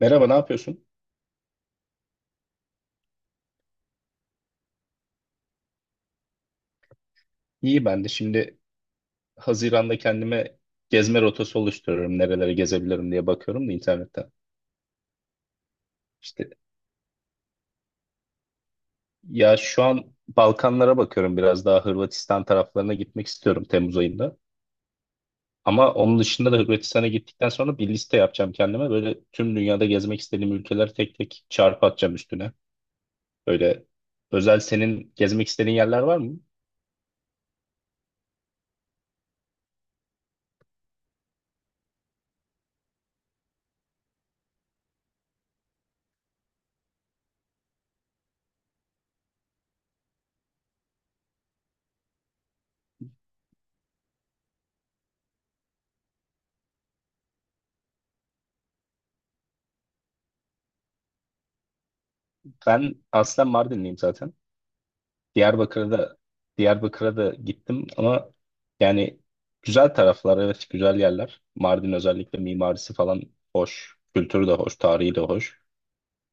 Merhaba, ne yapıyorsun? İyi ben de. Şimdi Haziran'da kendime gezme rotası oluşturuyorum. Nerelere gezebilirim diye bakıyorum da internetten. İşte ya, şu an Balkanlara bakıyorum, biraz daha Hırvatistan taraflarına gitmek istiyorum Temmuz ayında. Ama onun dışında da Hırvatistan'a gittikten sonra bir liste yapacağım kendime. Böyle tüm dünyada gezmek istediğim ülkeleri tek tek çarpı atacağım üstüne. Böyle özel senin gezmek istediğin yerler var mı? Ben aslen Mardinliyim zaten. Diyarbakır'a da Diyarbakır'a da gittim ama yani güzel taraflar, evet, güzel yerler. Mardin özellikle mimarisi falan hoş. Kültürü de hoş, tarihi de hoş.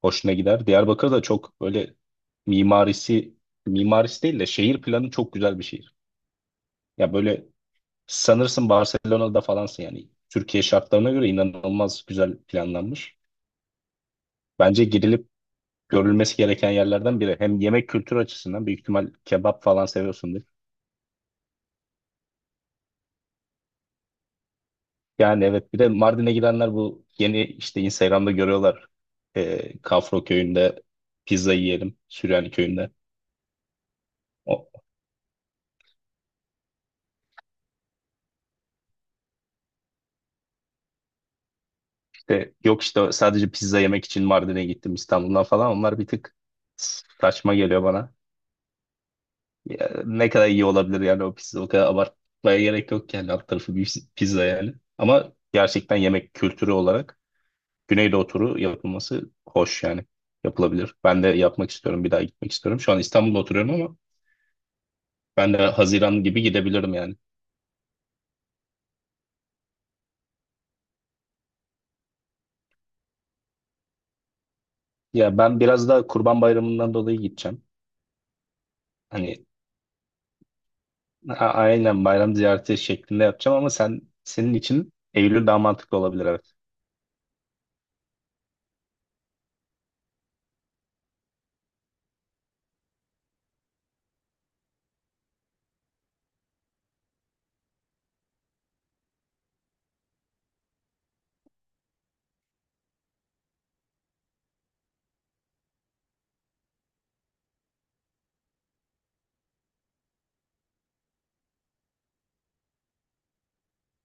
Hoşuna gider. Diyarbakır da çok böyle mimarisi mimarisi değil de şehir planı çok güzel bir şehir. Ya böyle sanırsın Barcelona'da falansın yani. Türkiye şartlarına göre inanılmaz güzel planlanmış. Bence gidilip görülmesi gereken yerlerden biri. Hem yemek kültürü açısından büyük ihtimal kebap falan seviyorsun. Yani evet, bir de Mardin'e gidenler bu yeni işte Instagram'da görüyorlar. Kafro köyünde pizza yiyelim. Süryani köyünde. O işte, yok işte, sadece pizza yemek için Mardin'e gittim İstanbul'dan falan. Onlar bir tık saçma geliyor bana. Ya, ne kadar iyi olabilir yani o pizza? O kadar abartmaya gerek yok yani, alt tarafı bir pizza yani. Ama gerçekten yemek kültürü olarak Güneydoğu turu yapılması hoş, yani yapılabilir. Ben de yapmak istiyorum. Bir daha gitmek istiyorum. Şu an İstanbul'da oturuyorum ama ben de Haziran gibi gidebilirim yani. Ya ben biraz da Kurban Bayramı'ndan dolayı gideceğim. Hani aynen bayram ziyareti şeklinde yapacağım, ama sen, senin için Eylül daha mantıklı olabilir, evet.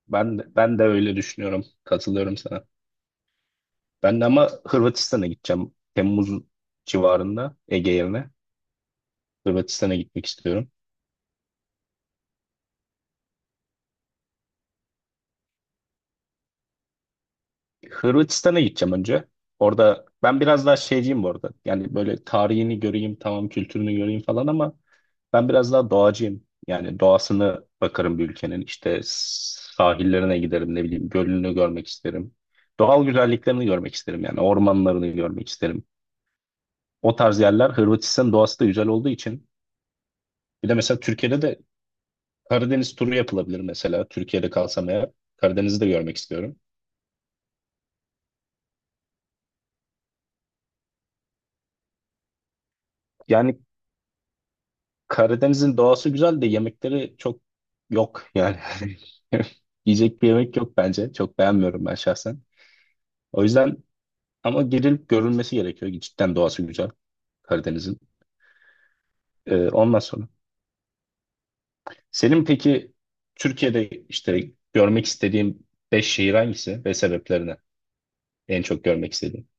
Ben de öyle düşünüyorum. Katılıyorum sana. Ben de ama Hırvatistan'a gideceğim. Temmuz civarında Ege yerine Hırvatistan'a gitmek istiyorum. Hırvatistan'a gideceğim önce. Orada ben biraz daha şeyciyim bu arada. Yani böyle tarihini göreyim, tamam, kültürünü göreyim falan ama ben biraz daha doğacıyım. Yani doğasını bakarım bir ülkenin. İşte sahillerine giderim, ne bileyim gölünü görmek isterim. Doğal güzelliklerini görmek isterim, yani ormanlarını görmek isterim. O tarz yerler, Hırvatistan doğası da güzel olduğu için. Bir de mesela Türkiye'de de Karadeniz turu yapılabilir mesela. Türkiye'de kalsam eğer Karadeniz'i de görmek istiyorum. Yani Karadeniz'in doğası güzel de yemekleri çok yok yani. Yiyecek bir yemek yok bence. Çok beğenmiyorum ben şahsen. O yüzden, ama girilip görülmesi gerekiyor. Cidden doğası güzel Karadeniz'in. Ondan sonra, senin peki Türkiye'de işte görmek istediğin 5 şehir hangisi ve sebeplerine en çok görmek istediğin?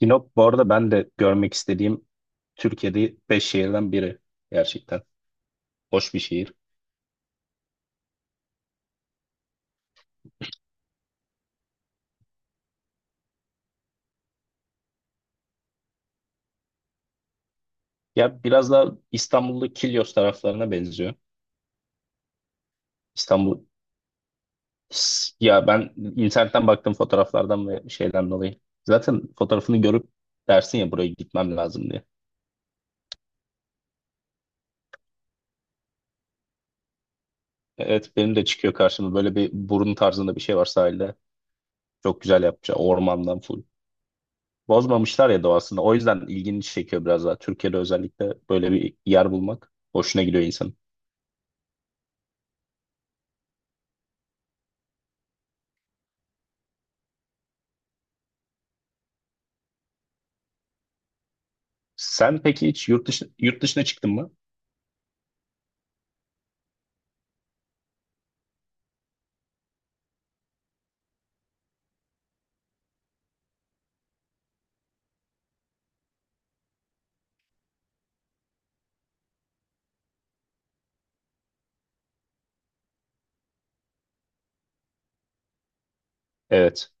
Sinop bu arada ben de görmek istediğim Türkiye'de 5 şehirden biri gerçekten. Hoş bir şehir. Ya biraz daha İstanbul'da Kilyos taraflarına benziyor. İstanbul, ya ben internetten baktım fotoğraflardan ve şeyden dolayı. Zaten fotoğrafını görüp dersin ya buraya gitmem lazım diye. Evet, benim de çıkıyor karşıma, böyle bir burun tarzında bir şey var sahilde. Çok güzel yapmışlar, ormandan full. Bozmamışlar ya doğasını. O yüzden ilgini çekiyor biraz daha. Türkiye'de özellikle böyle bir yer bulmak hoşuna gidiyor insanın. Sen peki hiç yurt dışı, yurt dışına çıktın mı? Evet.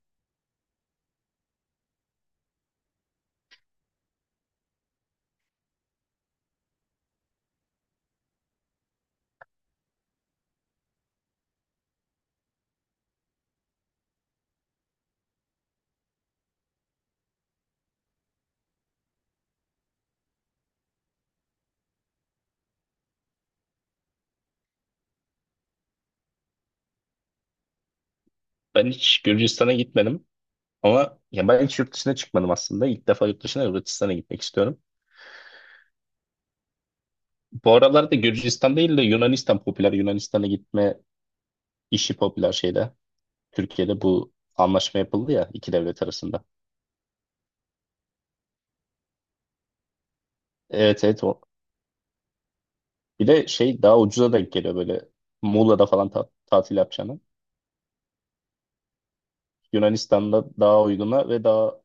Ben hiç Gürcistan'a gitmedim. Ama ya ben hiç yurt dışına çıkmadım aslında. İlk defa yurt dışına Hırvatistan'a gitmek istiyorum. Bu aralarda Gürcistan değil de Yunanistan popüler. Yunanistan'a gitme işi popüler şeyde. Türkiye'de bu anlaşma yapıldı ya iki devlet arasında. Evet, evet, o. Bir de şey, daha ucuza denk geliyor böyle Muğla'da falan tatil yapacağını. Yunanistan'da daha uyguna ve daha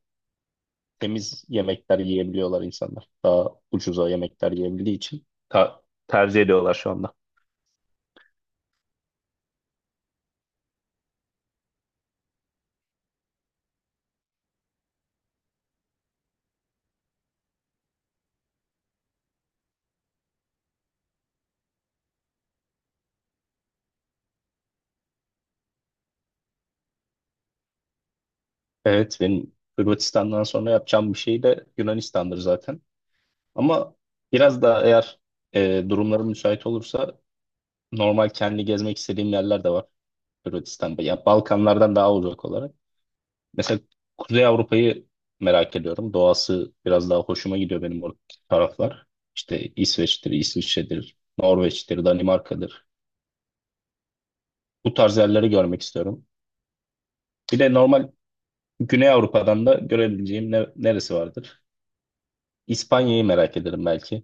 temiz yemekler yiyebiliyorlar insanlar. Daha ucuza yemekler yiyebildiği için tercih ediyorlar şu anda. Evet, benim Hırvatistan'dan sonra yapacağım bir şey de Yunanistan'dır zaten. Ama biraz daha, eğer durumlarım müsait olursa, normal kendi gezmek istediğim yerler de var Hırvatistan'da. Ya Balkanlardan daha uzak olarak. Mesela Kuzey Avrupa'yı merak ediyorum. Doğası biraz daha hoşuma gidiyor benim, o taraflar. İşte İsveç'tir, İsviçre'dir, Norveç'tir, Danimarka'dır. Bu tarz yerleri görmek istiyorum. Bir de normal Güney Avrupa'dan da görebileceğim neresi vardır? İspanya'yı merak ederim belki.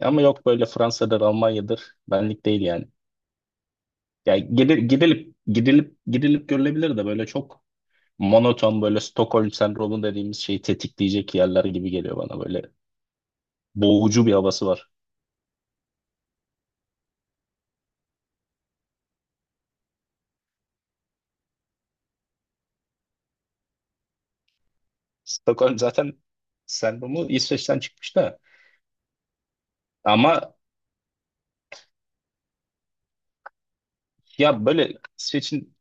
Ama yok, böyle Fransa'dır, Almanya'dır. Benlik değil yani. Yani gidilip görülebilir de, böyle çok monoton, böyle Stockholm sendromu dediğimiz şeyi tetikleyecek yerler gibi geliyor bana, böyle boğucu bir havası var. Stockholm zaten sendromu İsveç'ten çıkmış da. Ama ya böyle İsveç'in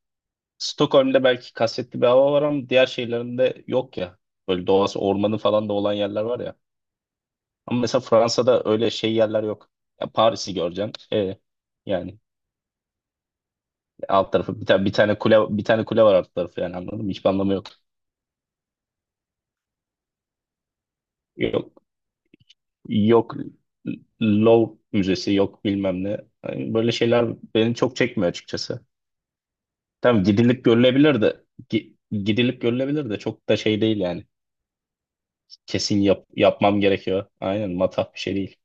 Stockholm'de belki kasvetli bir hava var ama diğer şehirlerinde yok ya. Böyle doğası, ormanı falan da olan yerler var ya. Ama mesela Fransa'da öyle şey yerler yok. Ya Paris'i göreceksin. E yani, alt tarafı bir tane kule var alt tarafı yani, anladın mı? Hiçbir anlamı yok. Yok, yok, Louvre Müzesi, yok bilmem ne. Yani böyle şeyler beni çok çekmiyor açıkçası. Tamam gidilip görülebilir de gidilip görülebilir de çok da şey değil yani. Kesin yapmam gerekiyor. Aynen, matah bir şey değil.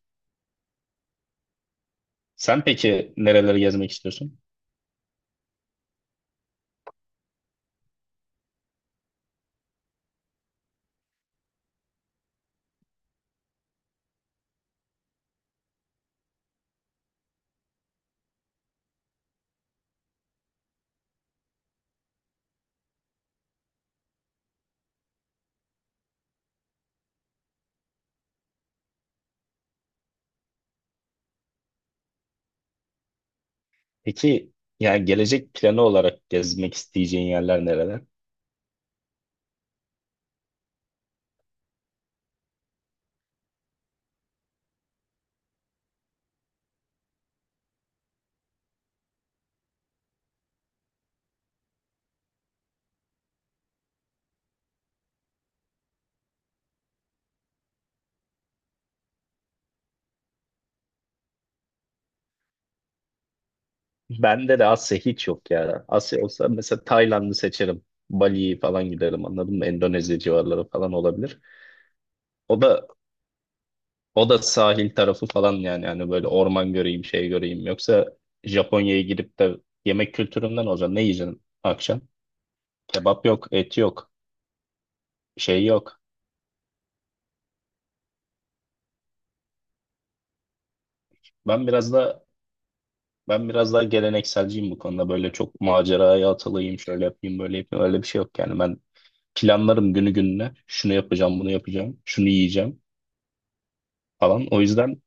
Sen peki nereleri gezmek istiyorsun? Peki, yani gelecek planı olarak gezmek isteyeceğin yerler nereler? Bende de Asya hiç yok ya. Asya olsa mesela Tayland'ı seçerim. Bali'yi falan giderim, anladın mı? Endonezya civarları falan olabilir. O da O da sahil tarafı falan yani böyle orman göreyim, şey göreyim, yoksa Japonya'ya girip de yemek kültüründen olacağım. Ne yiyeceğim akşam? Kebap yok, et yok, şey yok. Ben biraz da ben biraz daha gelenekselciyim bu konuda. Böyle çok maceraya atılayım, şöyle yapayım, böyle yapayım. Öyle bir şey yok yani. Ben planlarım günü gününe. Şunu yapacağım, bunu yapacağım, şunu yiyeceğim falan. O yüzden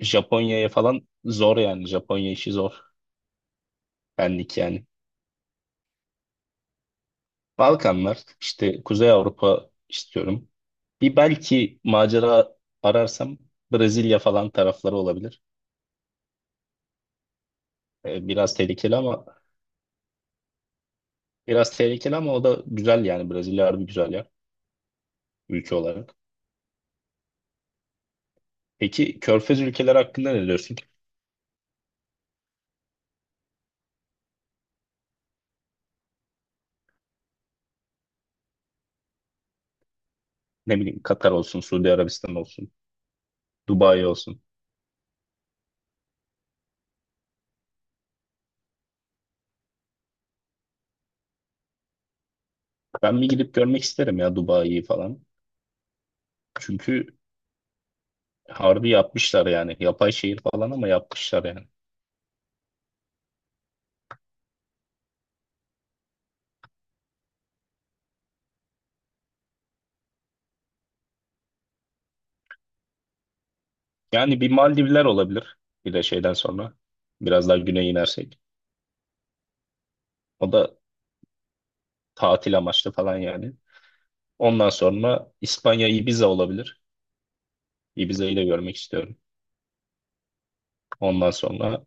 Japonya'ya falan zor yani. Japonya işi zor. Benlik yani. Balkanlar, işte Kuzey Avrupa istiyorum. Bir belki macera ararsam Brezilya falan tarafları olabilir. Ee, biraz tehlikeli ama biraz tehlikeli ama o da güzel yani, Brezilya harbi güzel yer ülke olarak. Peki Körfez ülkeleri hakkında ne diyorsun? Ne bileyim, Katar olsun, Suudi Arabistan olsun, Dubai olsun. Ben bir gidip görmek isterim ya Dubai'yi falan. Çünkü harbi yapmışlar yani. Yapay şehir falan ama yapmışlar yani. Yani bir Maldivler olabilir, bir de şeyden sonra. Biraz daha güneye inersek. O da tatil amaçlı falan yani. Ondan sonra İspanya, Ibiza olabilir. Ibiza'yı da görmek istiyorum. Ondan sonra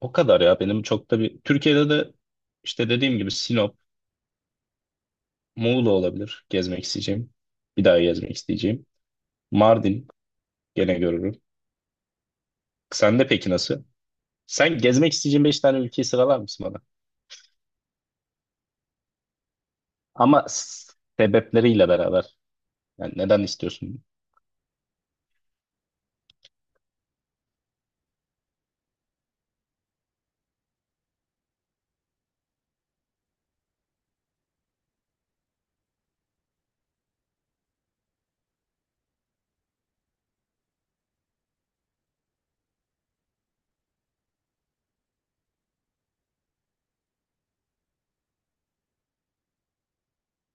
o kadar, ya benim çok da bir... Türkiye'de de işte dediğim gibi Sinop, Muğla olabilir gezmek isteyeceğim. Bir daha gezmek isteyeceğim. Mardin gene görürüm. Sen de peki nasıl? Sen gezmek isteyeceğin 5 tane ülkeyi sıralar mısın bana? Ama sebepleriyle beraber. Yani neden istiyorsun?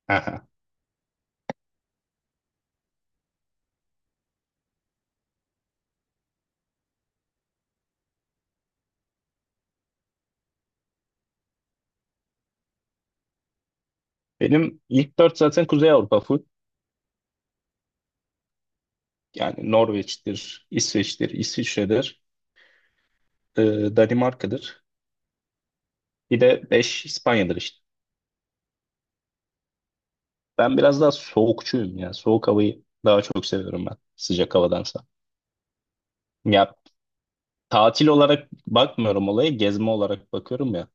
Aha. Benim ilk dört zaten Kuzey Avrupa full. Yani Norveç'tir, İsveç'tir, İsviçre'dir, e, Danimarka'dır. Bir de 5. İspanya'dır işte. Ben biraz daha soğukçuyum ya. Soğuk havayı daha çok seviyorum ben sıcak havadansa. Ya tatil olarak bakmıyorum olaya, gezme olarak bakıyorum ya.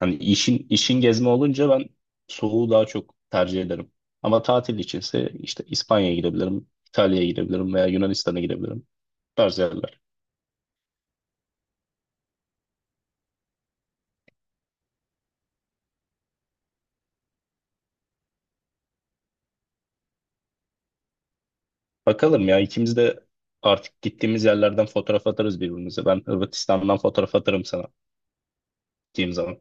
Hani işin gezme olunca ben soğuğu daha çok tercih ederim. Ama tatil içinse işte İspanya'ya gidebilirim, İtalya'ya gidebilirim veya Yunanistan'a gidebilirim. Bu tarz yerler. Bakalım ya, ikimiz de artık gittiğimiz yerlerden fotoğraf atarız birbirimize. Ben Hırvatistan'dan fotoğraf atarım sana gittiğim zaman.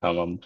Tamam.